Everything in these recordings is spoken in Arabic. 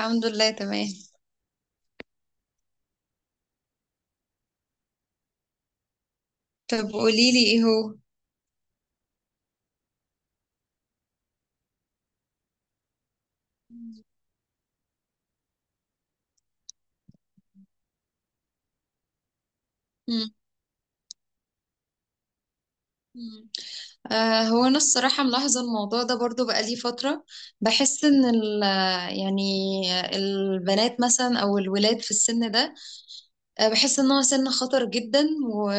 الحمد لله، تمام. طب قوليلي ايه هو؟ مم. مم. هو انا الصراحة ملاحظة الموضوع ده برضو بقالي فترة. بحس ان يعني البنات مثلا او الولاد في السن ده. بحس ان هو سن خطر جدا. و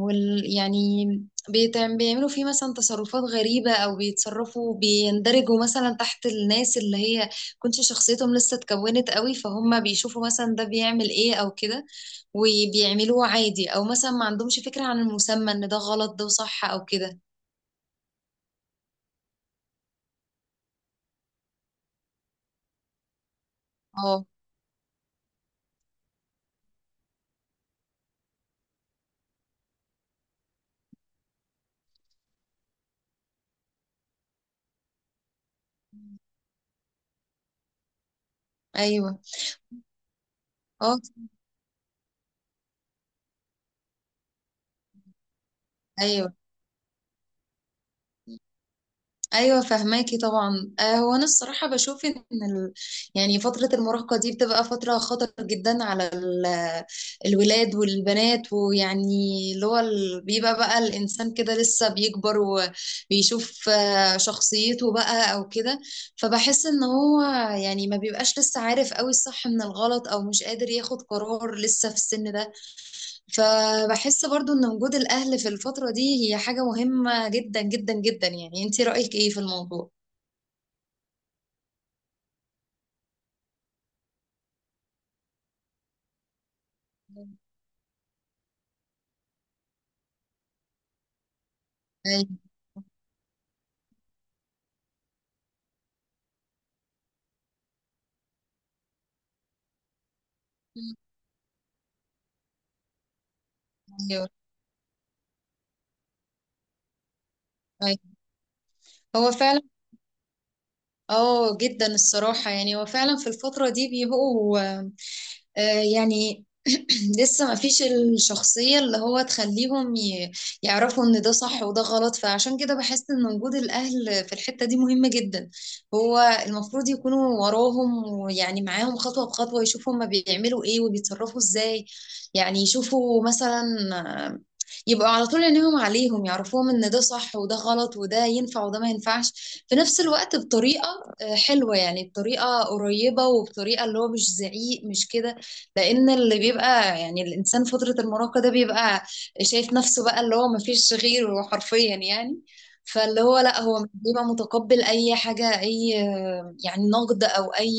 وال يعني، بيعملوا فيه مثلا تصرفات غريبة، او بيتصرفوا، بيندرجوا مثلا تحت الناس اللي هي كنتش شخصيتهم لسه اتكونت قوي، فهم بيشوفوا مثلا ده بيعمل ايه او كده وبيعملوه عادي، او مثلا ما عندهمش فكرة عن المسمى ان ده غلط ده صح او كده. اه، ايوه. اه، ايوه. ايوه فهماكي طبعا. هو انا الصراحه بشوف ان ال... يعني فتره المراهقه دي بتبقى فتره خطر جدا على الولاد والبنات، ويعني اللي هو بيبقى بقى الانسان كده لسه بيكبر وبيشوف شخصيته بقى او كده. فبحس ان هو يعني ما بيبقاش لسه عارف قوي الصح من الغلط، او مش قادر ياخد قرار لسه في السن ده. فبحس برضو ان وجود الاهل في الفترة دي هي حاجة مهمة جدا جدا جدا. يعني انتي رأيك ايه في الموضوع؟ ايوه، ايوه، أيوة. هو فعلا. اه جدا الصراحة. يعني هو فعلا في الفترة دي بيبقوا يعني لسه ما فيش الشخصية اللي هو تخليهم يعرفوا ان ده صح وده غلط. فعشان كده بحس ان وجود الاهل في الحتة دي مهمة جدا. هو المفروض يكونوا وراهم، ويعني معاهم خطوة بخطوة، يشوفوا هما بيعملوا ايه وبيتصرفوا ازاي. يعني يشوفوا مثلا آه، يبقوا على طول عينيهم عليهم، يعرفوهم ان ده صح وده غلط وده ينفع وده ما ينفعش، في نفس الوقت بطريقة حلوة، يعني بطريقة قريبة وبطريقة اللي هو مش زعيق، مش كده. لان اللي بيبقى يعني الانسان فتره المراهقه ده بيبقى شايف نفسه بقى اللي هو مفيش غيره حرفيا يعني، فاللي هو لا هو بيبقى متقبل اي حاجه، اي يعني نقد او اي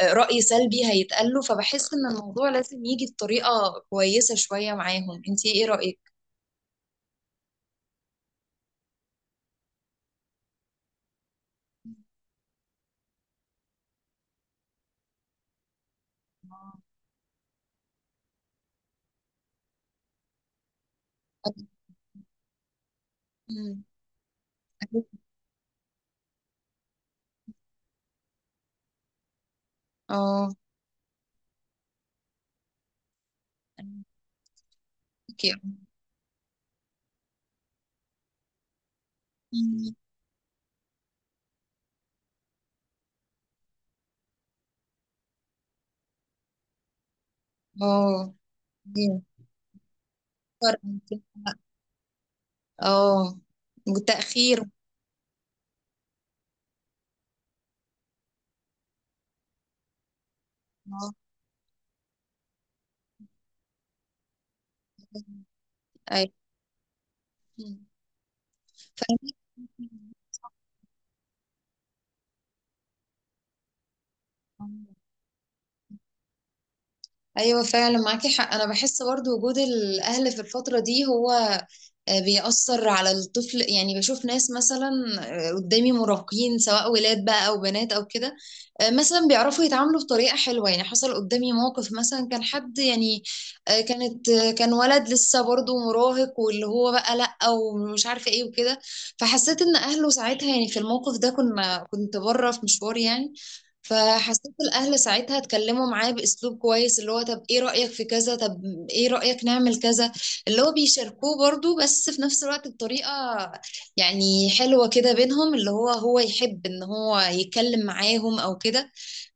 راي سلبي هيتقال له. فبحس ان الموضوع لازم يجي بطريقه كويسه شويه معاهم. انت ايه رايك؟ مم. اه. اوكي. مم. اه، دي فرق. اه، تاخير. اه، أيوه. مم. فعلا. ايوه فعلا، معاكي حق. انا بحس برضو وجود الاهل في الفتره دي هو بيأثر على الطفل. يعني بشوف ناس مثلا قدامي مراهقين سواء ولاد بقى او بنات او كده. مثلا بيعرفوا يتعاملوا بطريقه حلوه. يعني حصل قدامي موقف، مثلا كان حد يعني كان ولد لسه برضو مراهق، واللي هو بقى لا ومش عارفه ايه وكده. فحسيت ان اهله ساعتها يعني في الموقف ده كنت بره في مشوار يعني. فحسيت الاهل ساعتها اتكلموا معاه باسلوب كويس، اللي هو طب ايه رايك في كذا، طب ايه رايك نعمل كذا. اللي هو بيشاركوه برضو، بس في نفس الوقت بطريقه يعني حلوه كده بينهم، اللي هو هو يحب ان هو يتكلم معاهم او كده.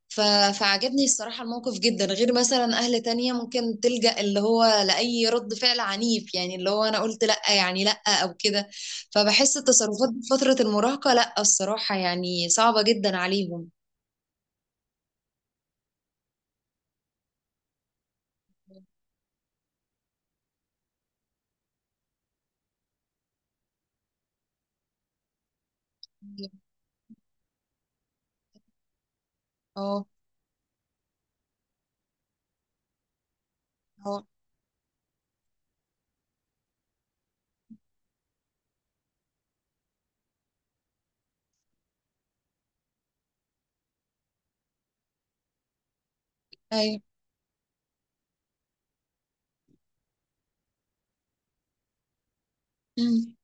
ف... فعجبني الصراحه الموقف جدا، غير مثلا اهل تانية ممكن تلجأ اللي هو لاي رد فعل عنيف، يعني اللي هو انا قلت لا يعني لا او كده. فبحس التصرفات في فتره المراهقه لا الصراحه يعني صعبه جدا عليهم. اه، اه، ايوه. أمم.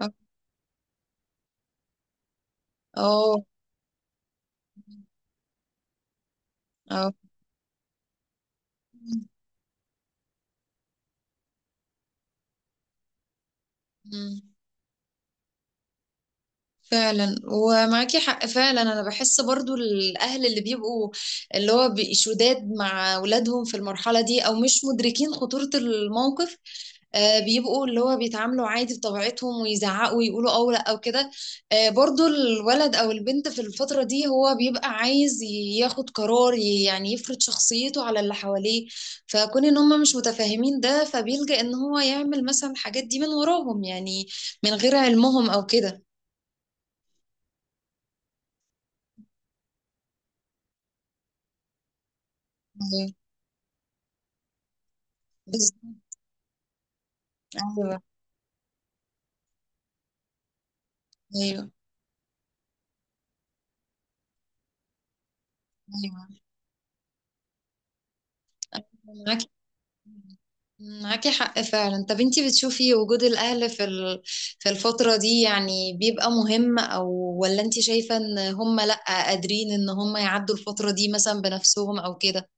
اه، اه، اه. أمم. فعلا ومعاكي حق فعلا. انا بحس برضو الاهل اللي بيبقوا اللي هو شداد مع اولادهم في المرحله دي، او مش مدركين خطوره الموقف. بيبقوا اللي هو بيتعاملوا عادي بطبيعتهم، ويزعقوا ويقولوا او لا او كده. برضو الولد او البنت في الفترة دي هو بيبقى عايز ياخد قرار، يعني يفرض شخصيته على اللي حواليه. فكون ان هم مش متفاهمين ده، فبيلجأ ان هو يعمل مثلا الحاجات دي من وراهم، يعني من غير علمهم او كده. ايوه، بالظبط. ايوه، ايوه، ايوه. معاك معاكي حق فعلا. طب انتي بتشوفي وجود الأهل في في الفترة دي يعني بيبقى مهم، أو ولا انتي شايفة ان هم لأ قادرين ان هم يعدوا الفترة دي مثلا بنفسهم أو كده؟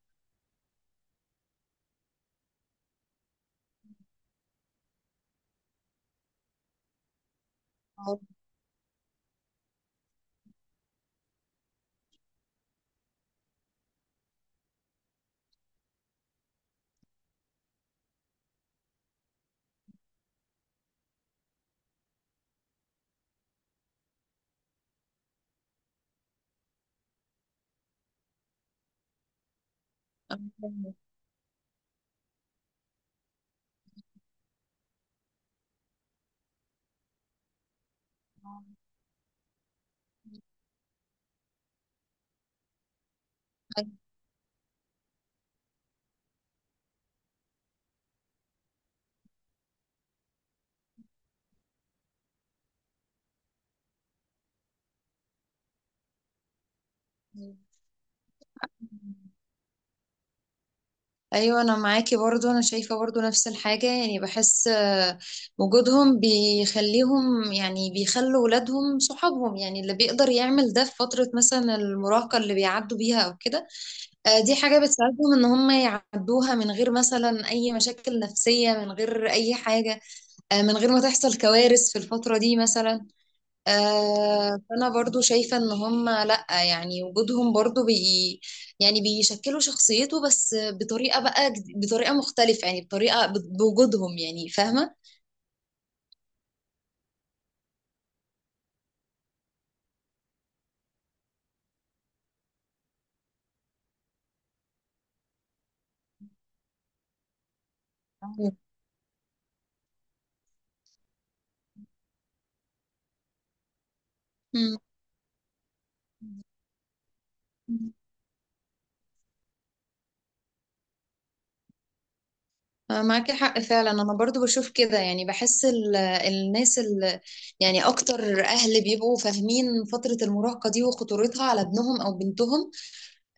ايوه، انا معاكي برضو. انا شايفه برضو نفس الحاجه، يعني بحس وجودهم بيخليهم يعني بيخلوا ولادهم صحابهم، يعني اللي بيقدر يعمل ده في فتره مثلا المراهقه اللي بيعدوا بيها او كده. دي حاجة بتساعدهم ان هم يعدوها من غير مثلا اي مشاكل نفسية، من غير اي حاجة، من غير ما تحصل كوارث في الفترة دي مثلا. فانا برضو شايفة ان هم لا، يعني وجودهم برضو يعني بيشكلوا شخصيته، بس بطريقة بقى بطريقة مختلفة، يعني بطريقة بوجودهم، يعني فاهمة. أيوة. مم. معاكي حق فعلا. انا برضو بشوف كده، يعني بحس الناس ال يعني اكتر اهل بيبقوا فاهمين فترة المراهقة دي وخطورتها على ابنهم او بنتهم.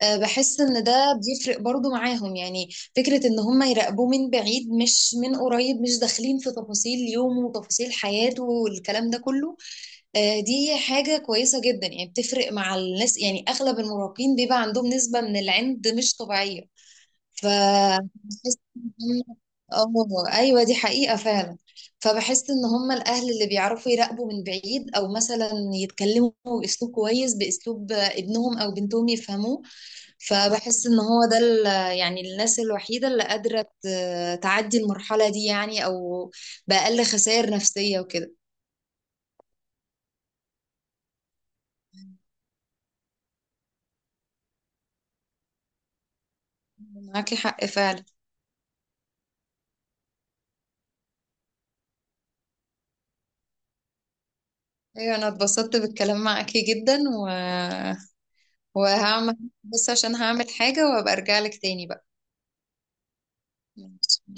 بحس ان ده بيفرق برضو معاهم. يعني فكرة ان هم يراقبوه من بعيد مش من قريب، مش داخلين في تفاصيل يومه وتفاصيل حياته والكلام ده كله، دي حاجة كويسة جدا. يعني بتفرق مع الناس، يعني اغلب المراهقين بيبقى عندهم نسبة من العند مش طبيعية. فبحس ان هم، اه، ايوه، دي حقيقة فعلا. فبحس ان هم الاهل اللي بيعرفوا يراقبوا من بعيد، او مثلا يتكلموا باسلوب كويس، باسلوب ابنهم او بنتهم يفهموه. فبحس ان هو ده يعني الناس الوحيدة اللي قادرة تعدي المرحلة دي، يعني او بأقل خسائر نفسية وكده. معاكي حق فعلا. ايوه انا اتبسطت بالكلام معاكي جدا وهعمل بس عشان هعمل حاجة وابقى ارجع لك تاني بقى. ماشي.